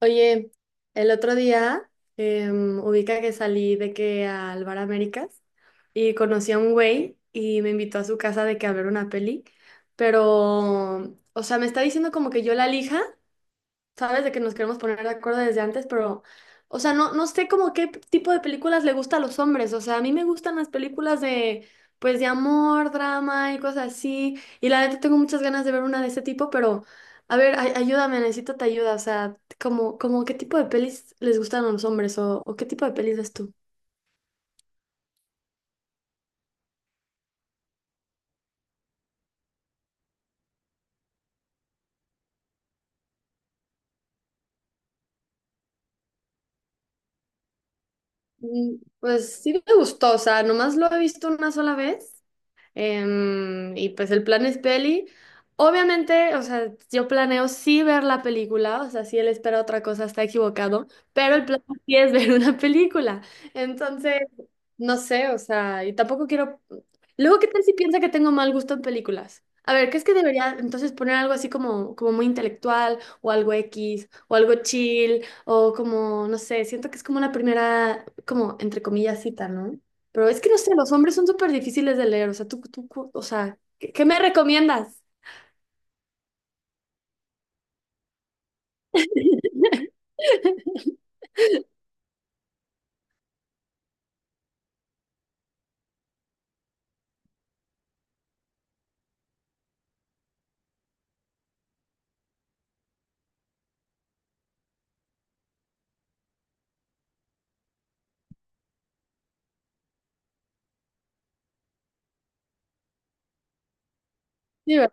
Oye, el otro día ubica que salí de que al Bar Américas y conocí a un güey y me invitó a su casa de que a ver una peli, pero, o sea, me está diciendo como que yo la elija, ¿sabes? De que nos queremos poner de acuerdo desde antes, pero, o sea, no sé como qué tipo de películas le gusta a los hombres. O sea, a mí me gustan las películas de, pues, de amor, drama y cosas así. Y la neta tengo muchas ganas de ver una de ese tipo, pero, a ver, ayúdame, necesito tu ayuda. O sea, como qué tipo de pelis les gustan a los hombres o qué tipo de pelis ves tú. Mm, pues sí me gustó, o sea, nomás lo he visto una sola vez. Y pues el plan es peli. Obviamente, o sea, yo planeo sí ver la película, o sea, si él espera otra cosa está equivocado, pero el plan sí es ver una película. Entonces, no sé, o sea, y tampoco quiero… Luego, ¿qué tal si piensa que tengo mal gusto en películas? A ver, ¿qué es que debería entonces poner algo así como, como muy intelectual o algo X o algo chill o como, no sé, siento que es como una primera, como entre comillas, cita, ¿no? Pero es que no sé, los hombres son súper difíciles de leer. O sea, tú, o sea, ¿ qué me recomiendas? Sí, ¿verdad?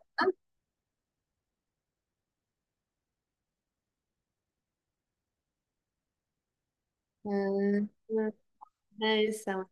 Ah, ah, esa.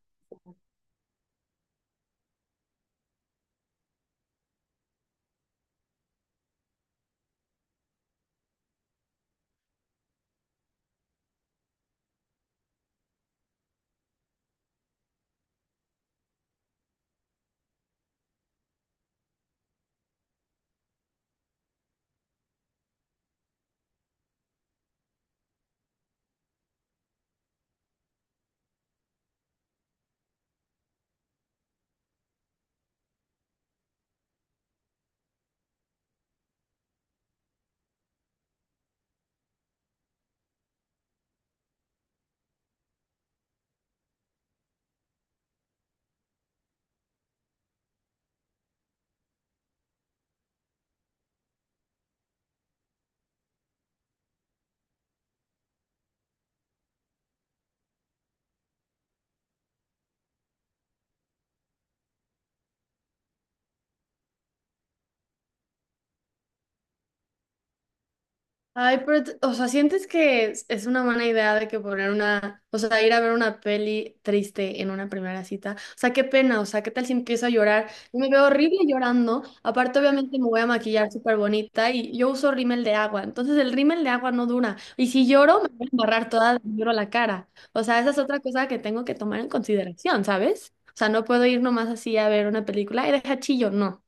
Ay, pero, o sea, ¿sientes que es una buena idea de que poner una, o sea, ir a ver una peli triste en una primera cita? O sea, qué pena, o sea, ¿qué tal si empiezo a llorar? Yo me veo horrible llorando. Aparte, obviamente, me voy a maquillar súper bonita y yo uso rímel de agua. Entonces, el rímel de agua no dura. Y si lloro, me voy a embarrar toda, de negro la cara. O sea, esa es otra cosa que tengo que tomar en consideración, ¿sabes? O sea, no puedo ir nomás así a ver una película y deja chillo, no.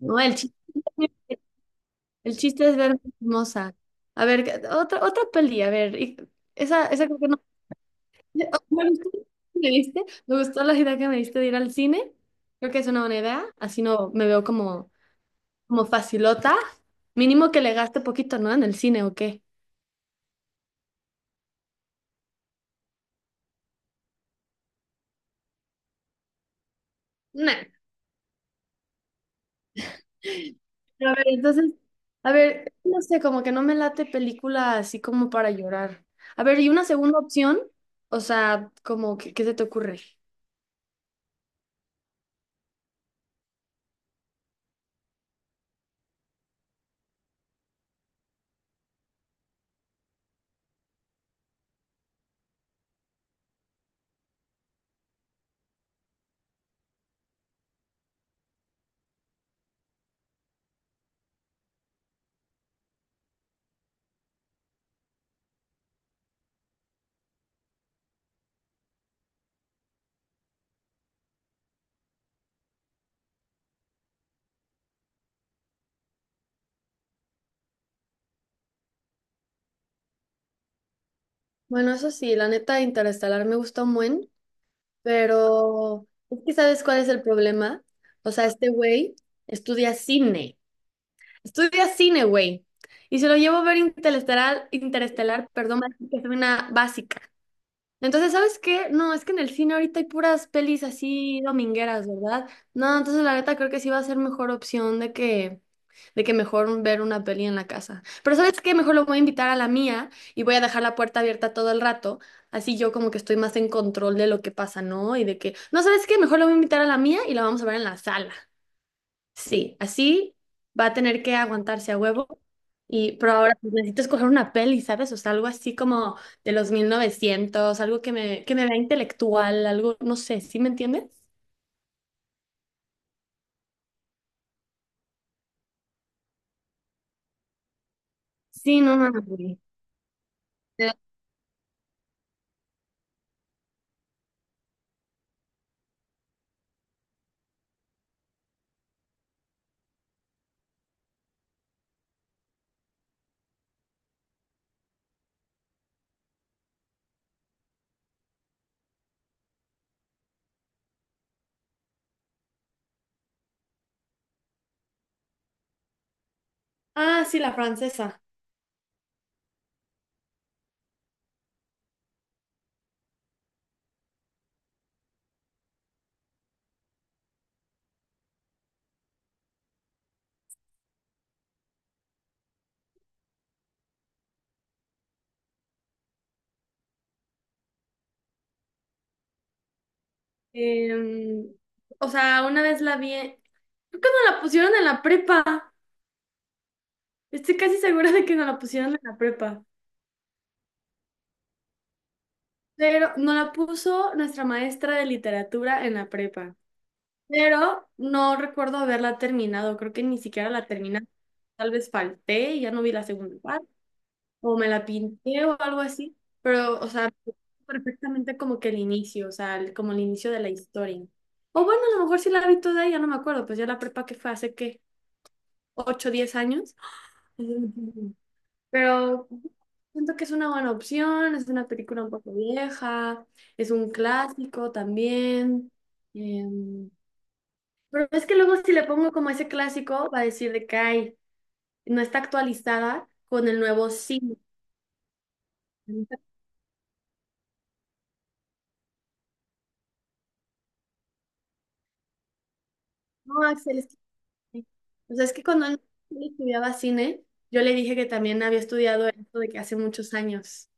No, el chillo. El chiste es verme hermosa. A ver, otra peli, a ver. Esa, esa creo que no. Oh, me gustó, ¿me diste? Me gustó la idea que me diste de ir al cine. Creo que es una buena idea. Así no me veo como, como facilota. Mínimo que le gaste poquito, ¿no? En el cine o qué. Nah. Pero a ver, entonces, a ver, no sé, como que no me late película así como para llorar. A ver, ¿y una segunda opción? O sea, como, ¿qué se te ocurre? Bueno, eso sí, la neta, Interestelar me gusta un buen. Pero es que ¿sabes cuál es el problema? O sea, este güey estudia cine. Estudia cine, güey. Y se lo llevo a ver Interestelar, perdón, que es una básica. Entonces, ¿sabes qué? No, es que en el cine ahorita hay puras pelis así domingueras, ¿verdad? No, entonces la neta creo que sí va a ser mejor opción de que mejor ver una peli en la casa. Pero ¿sabes qué? Mejor lo voy a invitar a la mía y voy a dejar la puerta abierta todo el rato. Así yo como que estoy más en control de lo que pasa, ¿no? Y de que, no, ¿sabes qué? Mejor lo voy a invitar a la mía y la vamos a ver en la sala. Sí, así va a tener que aguantarse a huevo. Y, pero ahora pues, necesito escoger una peli, ¿sabes? O sea, algo así como de los 1900, algo que me vea intelectual, algo, no sé, ¿sí me entiendes? Sí, no mames, güey. De… Ah, sí, la francesa. Em, o sea, una vez la vi, creo que nos la pusieron en la prepa. Estoy casi segura de que nos la pusieron en la prepa. Pero nos la puso nuestra maestra de literatura en la prepa. Pero no recuerdo haberla terminado, creo que ni siquiera la terminé. Tal vez falté y ya no vi la segunda parte, o me la pinté o algo así, pero, o sea, perfectamente como que el inicio, o sea, como el inicio de la historia. O bueno, a lo mejor sí la vi toda, y ya no me acuerdo, pues ya la prepa que fue hace qué, 8, 10 años. Pero siento que es una buena opción, es una película un poco vieja, es un clásico también. em, pero es que luego si le pongo como ese clásico, va a decir de que "Ay, no está actualizada con el nuevo cine". No, Axel, es que… O sea, es que cuando él estudiaba cine, yo le dije que también había estudiado esto de que hace muchos años.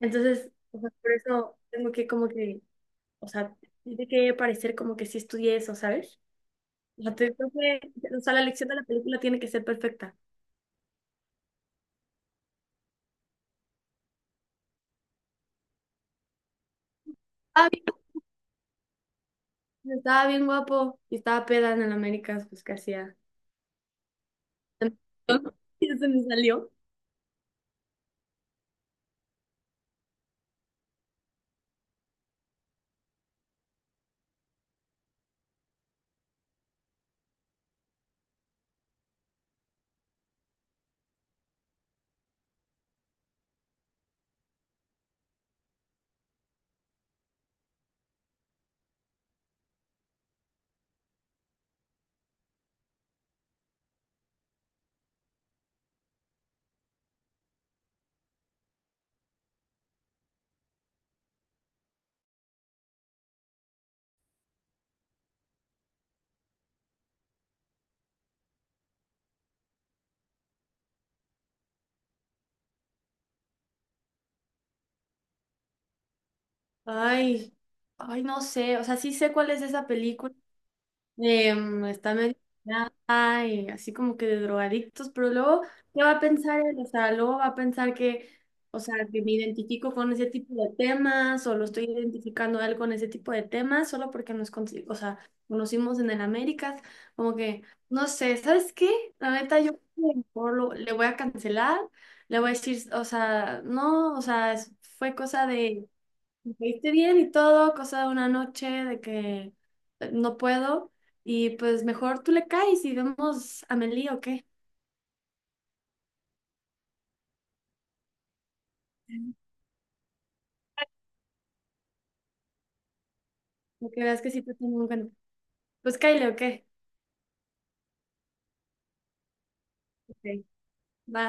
Entonces, o sea, por eso tengo que como que, o sea, tiene que parecer como que sí estudié eso, ¿sabes? O sea, creo que, o sea, la elección de la película tiene que ser perfecta. Ah, bien, estaba bien guapo y estaba peda en el Américas, pues que hacía. Y se me salió. Ay, ay, no sé, o sea, sí sé cuál es esa película. Está medio dañada y así como que de drogadictos, pero luego, ¿qué va a pensar él? O sea, luego va a pensar que, o sea, que me identifico con ese tipo de temas o lo estoy identificando a él con ese tipo de temas solo porque nos, o sea, conocimos en el Américas, como que, no sé, ¿sabes qué? La neta, yo creo que mejor le voy a cancelar, le voy a decir, o sea, no, o sea, fue cosa de me caíste bien y todo, cosa de una noche de que no puedo. Y pues mejor tú le caes y vemos a Meli o qué. Porque veas que sí te tengo un cuento. Pues cáile o qué. Ok, va.